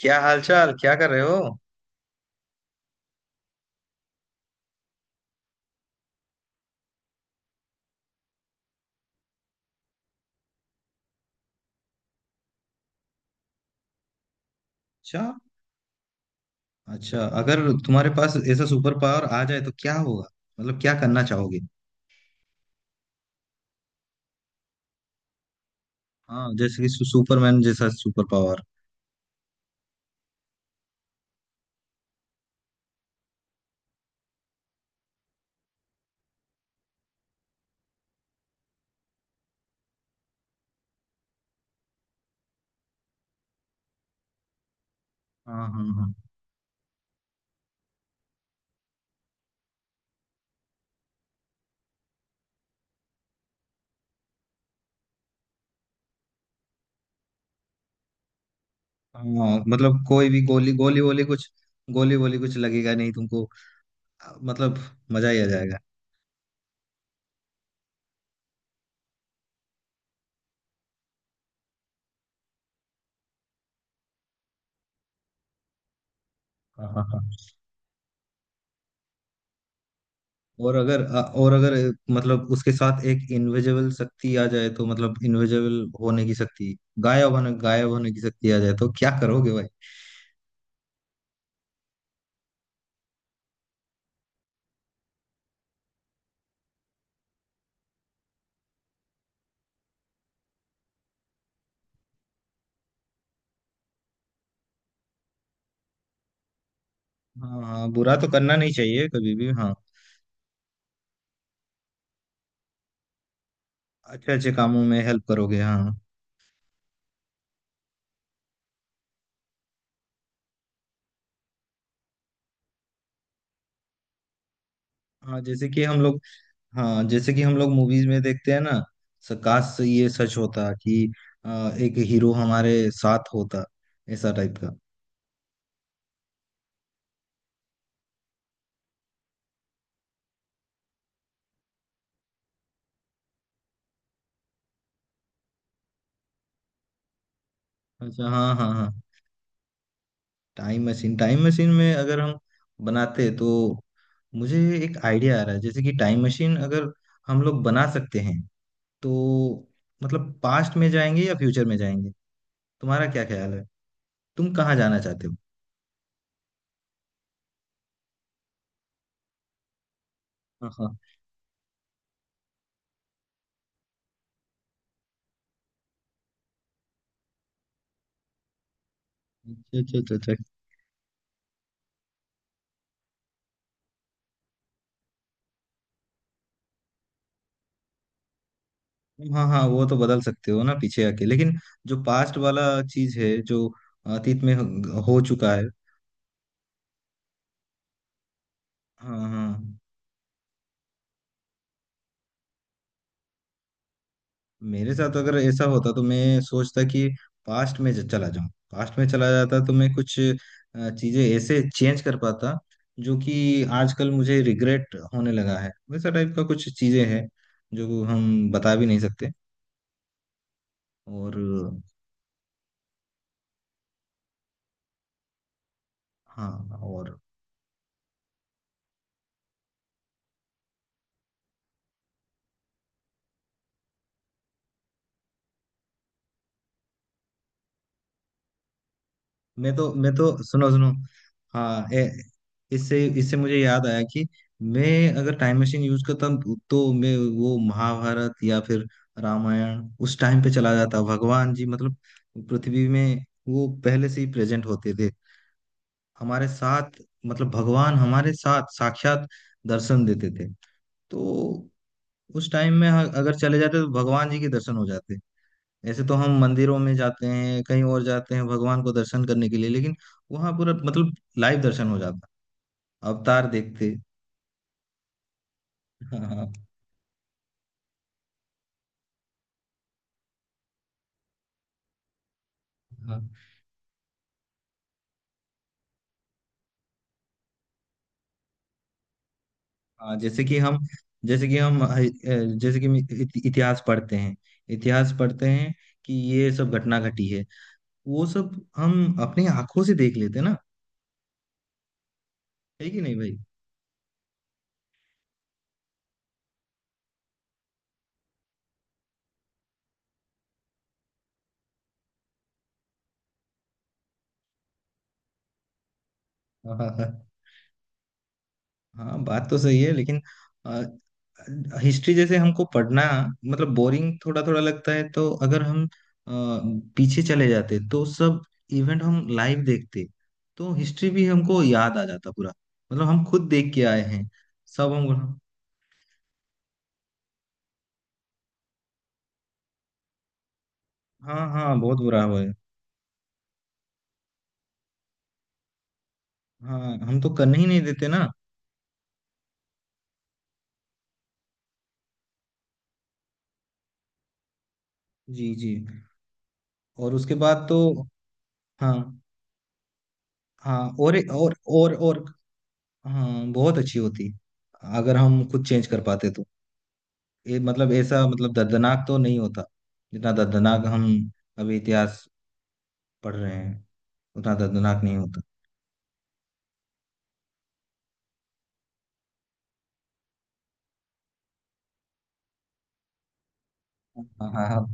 क्या हालचाल? क्या कर रहे हो? अच्छा। अच्छा, अगर तुम्हारे पास ऐसा सुपर पावर आ जाए तो क्या होगा? मतलब क्या करना चाहोगे? हाँ, जैसे कि सुपरमैन जैसा सुपर पावर। हाँ हाँ हाँ। हाँ मतलब कोई भी गोली गोली वोली कुछ लगेगा नहीं तुमको? मतलब मजा ही आ जाएगा। हाँ हाँ हाँ। और अगर आ, और अगर अ, मतलब उसके साथ एक इनविजिबल शक्ति आ जाए तो मतलब इनविजिबल होने की शक्ति, गायब होने की शक्ति आ जाए तो क्या करोगे भाई? हाँ हाँ, बुरा तो करना नहीं चाहिए कभी भी। हाँ, अच्छे अच्छे कामों में हेल्प करोगे। हाँ। हाँ जैसे कि हम लोग हाँ जैसे कि हम लोग मूवीज में देखते हैं ना। काश ये सच होता कि एक हीरो हमारे साथ होता, ऐसा टाइप का। अच्छा। हाँ हाँ हाँ। टाइम मशीन, टाइम मशीन में अगर हम बनाते तो मुझे एक आइडिया आ रहा है। जैसे कि टाइम मशीन अगर हम लोग बना सकते हैं तो मतलब पास्ट में जाएंगे या फ्यूचर में जाएंगे? तुम्हारा क्या ख्याल है? तुम कहाँ जाना चाहते हो? हाँ, अच्छा अच्छा अच्छा अच्छा। हाँ हाँ, वो तो बदल सकते हो ना पीछे आके, लेकिन जो पास्ट वाला चीज है, जो अतीत में हो चुका है। हाँ हाँ, मेरे साथ अगर ऐसा होता तो मैं सोचता कि पास्ट में चला जाऊं। पास्ट में चला जाता तो मैं कुछ चीजें ऐसे चेंज कर पाता जो कि आजकल मुझे रिग्रेट होने लगा है। वैसा टाइप का कुछ चीजें हैं जो हम बता भी नहीं सकते। और हाँ। और मैं तो सुनो सुनो। हाँ ए, इससे इससे मुझे याद आया कि मैं अगर टाइम मशीन यूज करता तो मैं वो महाभारत या फिर रामायण उस टाइम पे चला जाता। भगवान जी मतलब पृथ्वी में वो पहले से ही प्रेजेंट होते थे हमारे साथ। मतलब भगवान हमारे साथ साक्षात दर्शन देते थे। तो उस टाइम में अगर चले जाते तो भगवान जी के दर्शन हो जाते। ऐसे तो हम मंदिरों में जाते हैं, कहीं और जाते हैं भगवान को दर्शन करने के लिए, लेकिन वहां पूरा मतलब लाइव दर्शन हो जाता, अवतार देखते। हाँ हाँ हाँ। हाँ, जैसे कि हम इतिहास पढ़ते हैं। इतिहास पढ़ते हैं कि ये सब घटना घटी है, वो सब हम अपनी आंखों से देख लेते हैं ना। है कि नहीं भाई? हाँ, बात तो सही है, लेकिन हिस्ट्री जैसे हमको पढ़ना मतलब बोरिंग थोड़ा थोड़ा लगता है। तो अगर हम पीछे चले जाते तो सब इवेंट हम लाइव देखते, तो हिस्ट्री भी हमको याद आ जाता पूरा। मतलब हम खुद देख के आए हैं। सब हम। हाँ हाँ, बहुत बुरा हुआ है। हाँ, हम तो करने ही नहीं देते ना। जी जी। और उसके बाद तो। हाँ हाँ। और, हाँ, बहुत अच्छी होती, अगर हम खुद चेंज कर पाते तो। ये मतलब ऐसा मतलब दर्दनाक तो नहीं होता जितना दर्दनाक हम अभी इतिहास पढ़ रहे हैं। उतना दर्दनाक नहीं होता। हाँ हाँ हाँ।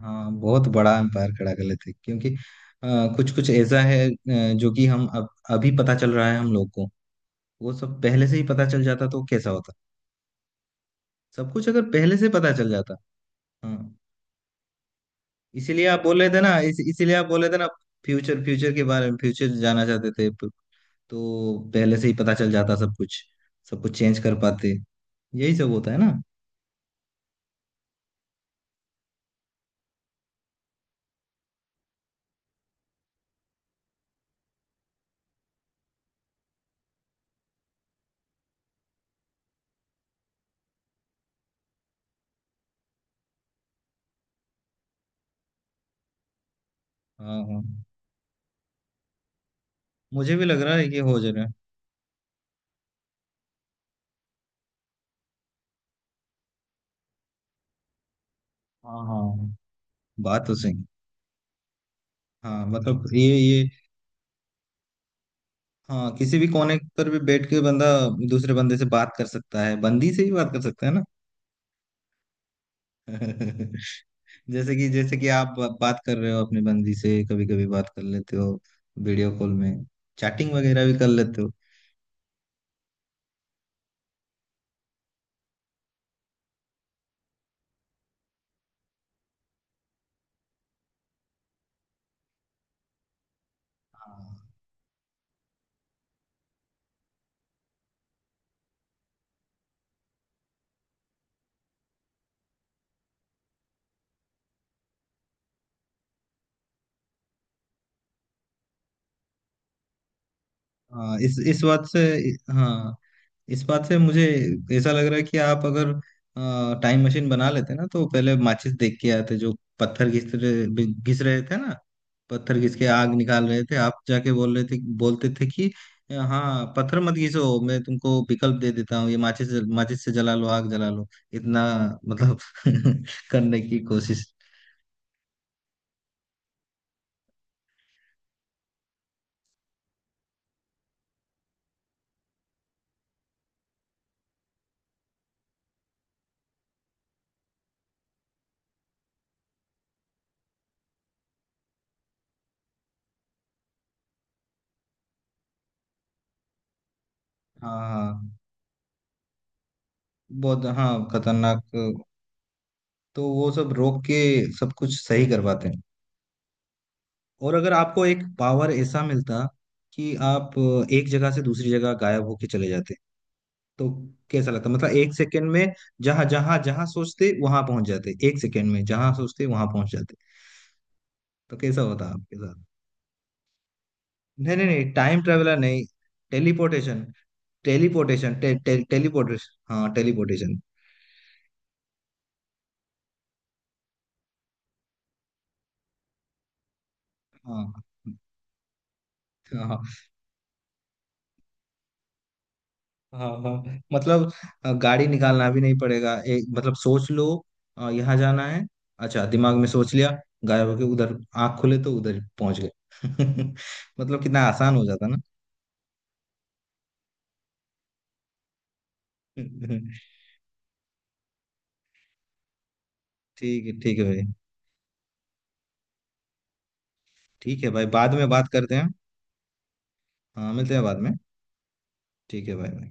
हाँ, बहुत बड़ा एम्पायर खड़ा कर लेते, क्योंकि कुछ कुछ ऐसा है जो कि हम अब अभी पता चल रहा है हम लोग को। वो सब पहले से ही पता चल जाता तो कैसा होता? सब कुछ अगर पहले से पता चल जाता। हाँ, इसीलिए आप बोल रहे थे ना, फ्यूचर फ्यूचर के बारे में, फ्यूचर जाना चाहते थे। तो पहले से ही पता चल जाता सब कुछ, सब कुछ चेंज कर पाते। यही सब होता है ना। हाँ हाँ। मुझे भी लग रहा है कि हो जा रहा है। हाँ हाँ, बात तो सही। हाँ मतलब ये। हाँ, किसी भी कोने पर भी बैठ के बंदा दूसरे बंदे से बात कर सकता है। बंदी से भी बात कर सकता है ना। जैसे कि आप बात कर रहे हो अपने बंदी से। कभी कभी बात कर लेते हो वीडियो कॉल में। चैटिंग वगैरह भी कर लेते हो। हाँ इस बात से, हाँ इस बात से मुझे ऐसा लग रहा है कि आप अगर टाइम मशीन बना लेते ना, तो पहले माचिस देख के आते। जो पत्थर घिस रहे थे ना, पत्थर घिस के आग निकाल रहे थे, आप जाके बोल रहे थे, बोलते थे कि हाँ पत्थर मत घिसो, मैं तुमको विकल्प दे देता हूँ ये माचिस। माचिस से जला लो, आग जला लो। इतना मतलब करने की कोशिश। हाँ हाँ, बहुत हाँ खतरनाक। तो वो सब रोक के सब कुछ सही करवाते हैं। और अगर आपको एक पावर ऐसा मिलता कि आप एक जगह से दूसरी जगह गायब होके चले जाते, तो कैसा लगता? मतलब एक सेकंड में जहां जहां जहां सोचते वहां पहुंच जाते। एक सेकंड में जहां सोचते वहां पहुंच जाते, तो कैसा होता आपके साथ? नहीं नहीं नहीं, टाइम ट्रेवलर नहीं। टेलीपोर्टेशन। टेलीपोर्टेशन। टे, टे, टेलीपोर्टेशन। हाँ टेलीपोर्टेशन। हाँ हाँ हाँ। हाँ हाँ मतलब गाड़ी निकालना भी नहीं पड़ेगा। एक मतलब सोच लो यहाँ जाना है। अच्छा, दिमाग में सोच लिया, गायब होके उधर, आंख खुले तो उधर पहुंच गए। मतलब कितना आसान हो जाता ना। ठीक है, ठीक है भाई। ठीक है भाई, बाद में बात करते हैं। हाँ, मिलते हैं बाद में। ठीक है भाई।